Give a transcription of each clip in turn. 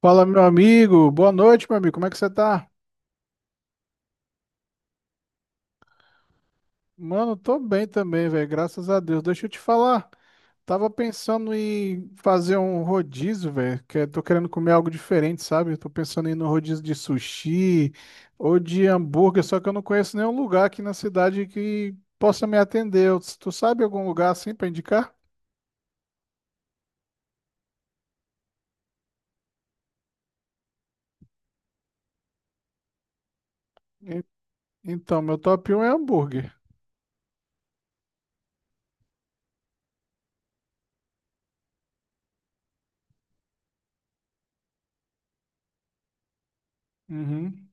Fala, meu amigo. Boa noite, meu amigo. Como é que você tá? Mano, tô bem também, velho. Graças a Deus. Deixa eu te falar. Tava pensando em fazer um rodízio, velho. Que eu tô querendo comer algo diferente, sabe? Eu tô pensando em ir no rodízio de sushi ou de hambúrguer, só que eu não conheço nenhum lugar aqui na cidade que possa me atender. Tu sabe algum lugar assim pra indicar? E- Então, meu top 1 é hambúrguer. Uhum.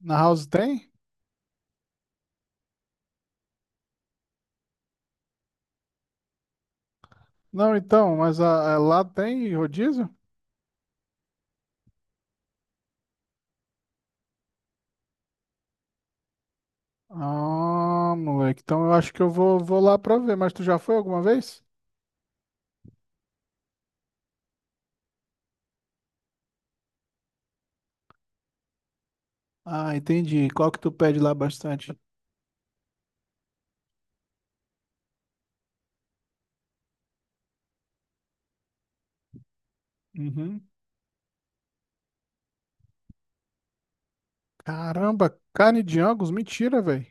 Na House tem? Não, então, mas lá tem rodízio? Ah, moleque. Então eu acho que eu vou lá pra ver. Mas tu já foi alguma vez? Ah, entendi. Qual que tu pede lá bastante? Uhum. Caramba, carne de Angus? Mentira, velho.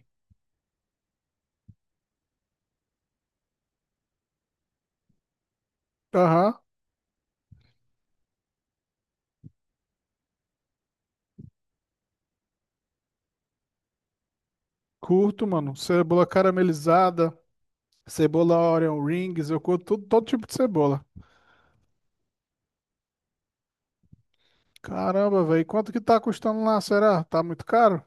Aham. Curto, mano. Cebola caramelizada, cebola Orion Rings. Eu curto tudo, todo tipo de cebola. Caramba, velho. Quanto que tá custando lá, será? Tá muito caro?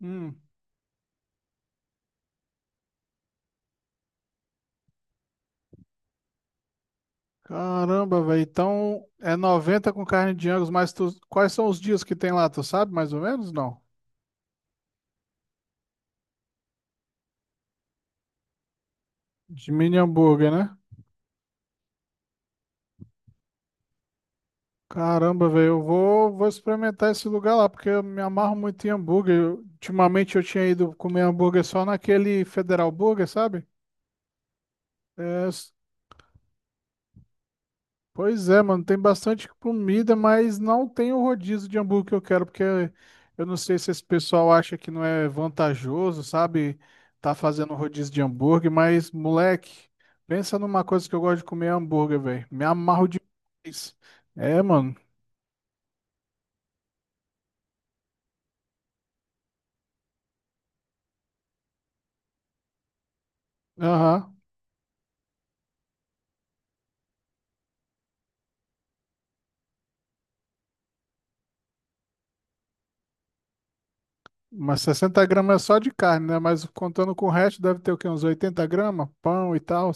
Hum. Caramba, velho. Então é 90 com carne de Angus, mas tu quais são os dias que tem lá? Tu sabe mais ou menos? Não. De mini hambúrguer, né? Caramba, velho, eu vou experimentar esse lugar lá, porque eu me amarro muito em hambúrguer. Ultimamente eu tinha ido comer hambúrguer só naquele Federal Burger, sabe? É, s- Pois é, mano, tem bastante comida, mas não tem o rodízio de hambúrguer que eu quero, porque eu não sei se esse pessoal acha que não é vantajoso, sabe? Tá fazendo rodízio de hambúrguer, mas, moleque, pensa numa coisa que eu gosto de comer é hambúrguer, velho. Me amarro demais. É, mano. Aham. Mas 60 gramas é só de carne, né? Mas contando com o resto, deve ter o quê? Uns 80 gramas? Pão e tal.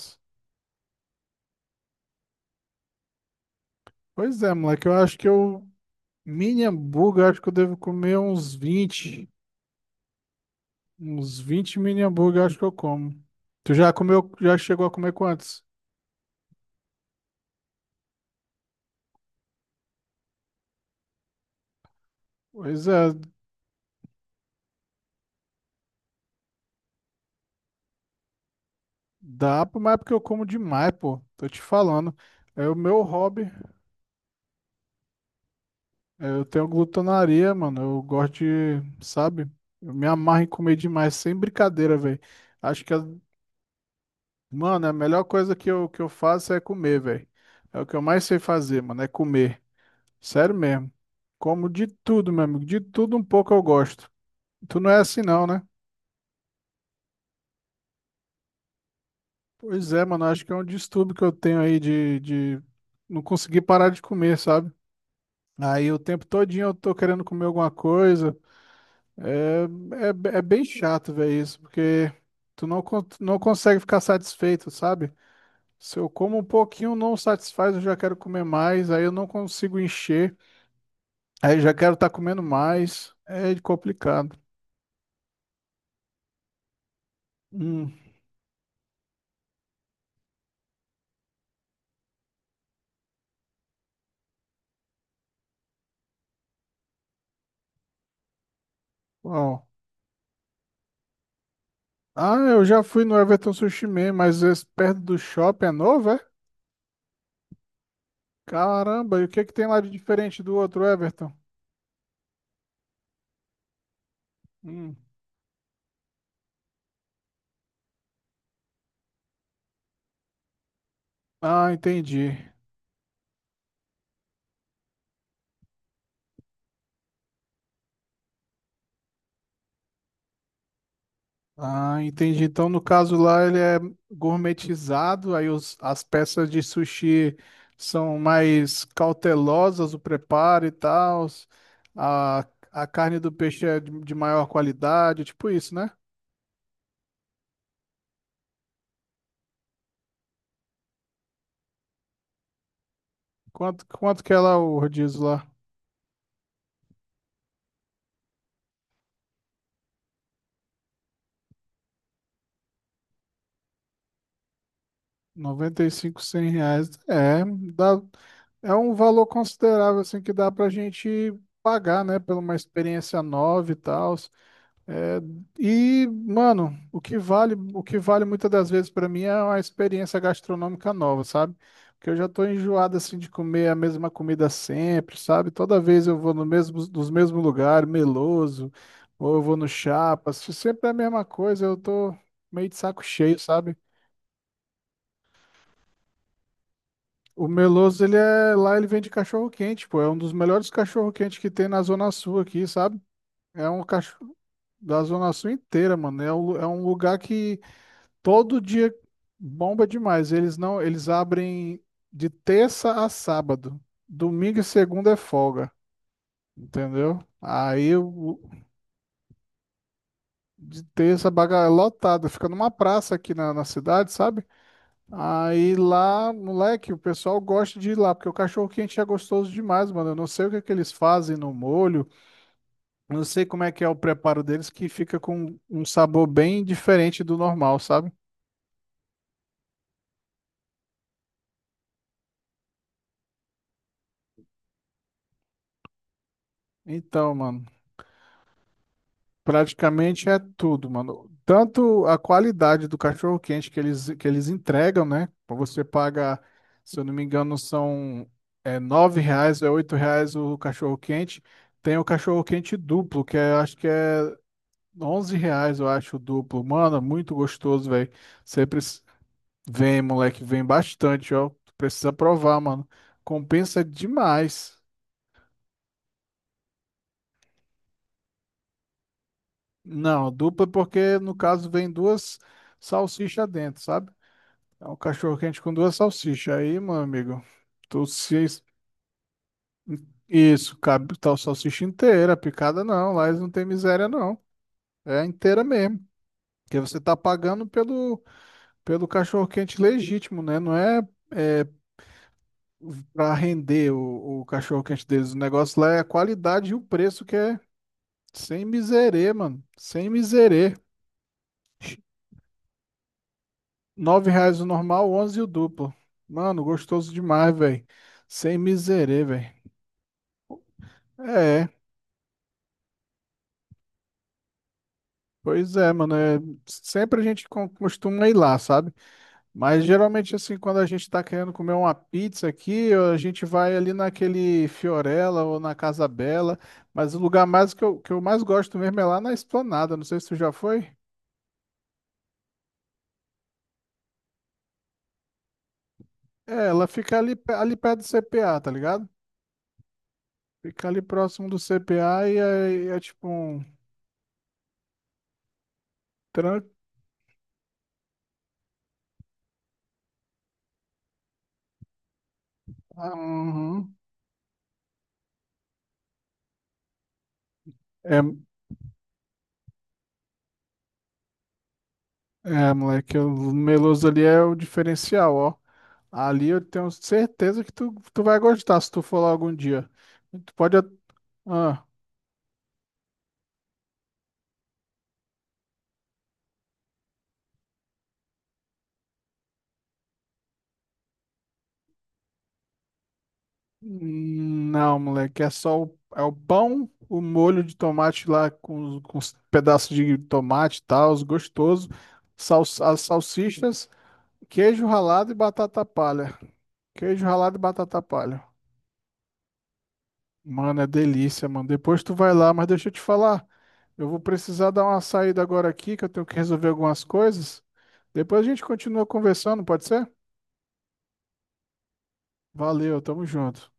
Pois é, moleque. Eu acho que eu. Mini hambúrguer, eu acho que eu devo comer uns vinte. Uns 20 mini hambúrguer, eu acho que eu como. Tu já comeu? Já chegou a comer quantos? Pois é, dá, pô, mas é porque eu como demais, pô. Tô te falando. É o meu hobby. É, eu tenho glutonaria, mano. Eu gosto de, sabe? Eu me amarro em comer demais, sem brincadeira, velho. Acho que Mano, a melhor coisa que eu faço é comer, velho. É o que eu mais sei fazer, mano, é comer. Sério mesmo. Como de tudo, meu amigo. De tudo um pouco eu gosto. Tu não é assim não, né? Pois é, mano. Acho que é um distúrbio que eu tenho aí de não conseguir parar de comer, sabe? Aí o tempo todinho eu tô querendo comer alguma coisa. É, é bem chato, velho, isso. Porque tu não consegue ficar satisfeito, sabe? Se eu como um pouquinho, não satisfaz, eu já quero comer mais. Aí eu não consigo encher. Aí já quero estar comendo mais. É complicado. Hum, bom. Ah, eu já fui no Everton Sushi Man, mas esse perto do shopping é novo, é? Caramba, e o que que tem lá de diferente do outro Everton? Hum. Ah, entendi. Ah, entendi. Então, no caso lá, ele é gourmetizado, aí as peças de sushi são mais cautelosas, o preparo e tal. A carne do peixe é de maior qualidade, tipo isso, né? Quanto que é lá o rodízio lá? 95, 100 reais. É, dá, é um valor considerável, assim, que dá pra gente pagar, né? Pela uma experiência nova e tal. É, e, mano, o que vale muitas das vezes pra mim é uma experiência gastronômica nova, sabe? Porque eu já tô enjoado assim de comer a mesma comida sempre, sabe? Toda vez eu vou no mesmo, nos mesmos lugares, meloso, ou eu vou no Chapas, sempre é a mesma coisa, eu tô meio de saco cheio, sabe? O meloso, ele é, lá ele vende cachorro quente, pô, é um dos melhores cachorro quente que tem na Zona Sul aqui, sabe? É um cachorro da Zona Sul inteira, mano. É um, é um lugar que todo dia bomba demais. Eles não, eles abrem de terça a sábado. Domingo e segunda é folga, entendeu? De terça a baga é lotada, fica numa praça aqui na cidade, sabe? Aí lá, moleque, o pessoal gosta de ir lá, porque o cachorro quente é gostoso demais, mano. Eu não sei o que é que eles fazem no molho, eu não sei como é que é o preparo deles, que fica com um sabor bem diferente do normal, sabe? Então, mano. Praticamente é tudo, mano. Tanto a qualidade do cachorro-quente que eles entregam, né? Você paga, se eu não me engano, são é, 9 reais, é 8 reais o cachorro-quente. Tem o cachorro-quente duplo, que é, acho que é 11 reais, eu acho, o duplo. Mano, é muito gostoso, velho. Você precisa Vem, moleque, vem bastante, ó. Tu precisa provar, mano. Compensa demais. Não, dupla porque, no caso, vem duas salsichas dentro, sabe? É um cachorro quente com duas salsichas. Aí, meu amigo, tu se Isso, cabe tal salsicha inteira, picada não. Lá eles não tem miséria, não. É inteira mesmo. Porque você tá pagando pelo, pelo cachorro quente legítimo, né? Não, é para render o cachorro quente deles. O negócio lá é a qualidade e o preço que é sem miserê, mano. Sem miserê. Nove reais o normal, 11 o duplo. Mano, gostoso demais, velho. Sem miserê, velho. É. Pois é, mano, sempre a gente costuma ir lá, sabe? Mas geralmente, assim, quando a gente tá querendo comer uma pizza aqui, a gente vai ali naquele Fiorella ou na Casa Bela, mas o lugar mais que eu mais gosto mesmo é lá na Esplanada, não sei se tu já foi. É, ela fica ali, ali perto do CPA, tá ligado? Fica ali próximo do CPA e é tipo um tran- Ah, uhum. É, é, moleque, o meloso ali é o diferencial, ó. Ali eu tenho certeza que tu vai gostar se tu for lá algum dia. Tu pode. Ah, não, moleque, é só o, é o pão, o molho de tomate lá com, com os pedaços de tomate e tal, os gostosos, sal, as salsichas, queijo ralado e batata palha. Queijo ralado e batata palha. Mano, é delícia, mano. Depois tu vai lá, mas deixa eu te falar. Eu vou precisar dar uma saída agora aqui, que eu tenho que resolver algumas coisas. Depois a gente continua conversando, pode ser? Valeu, tamo junto.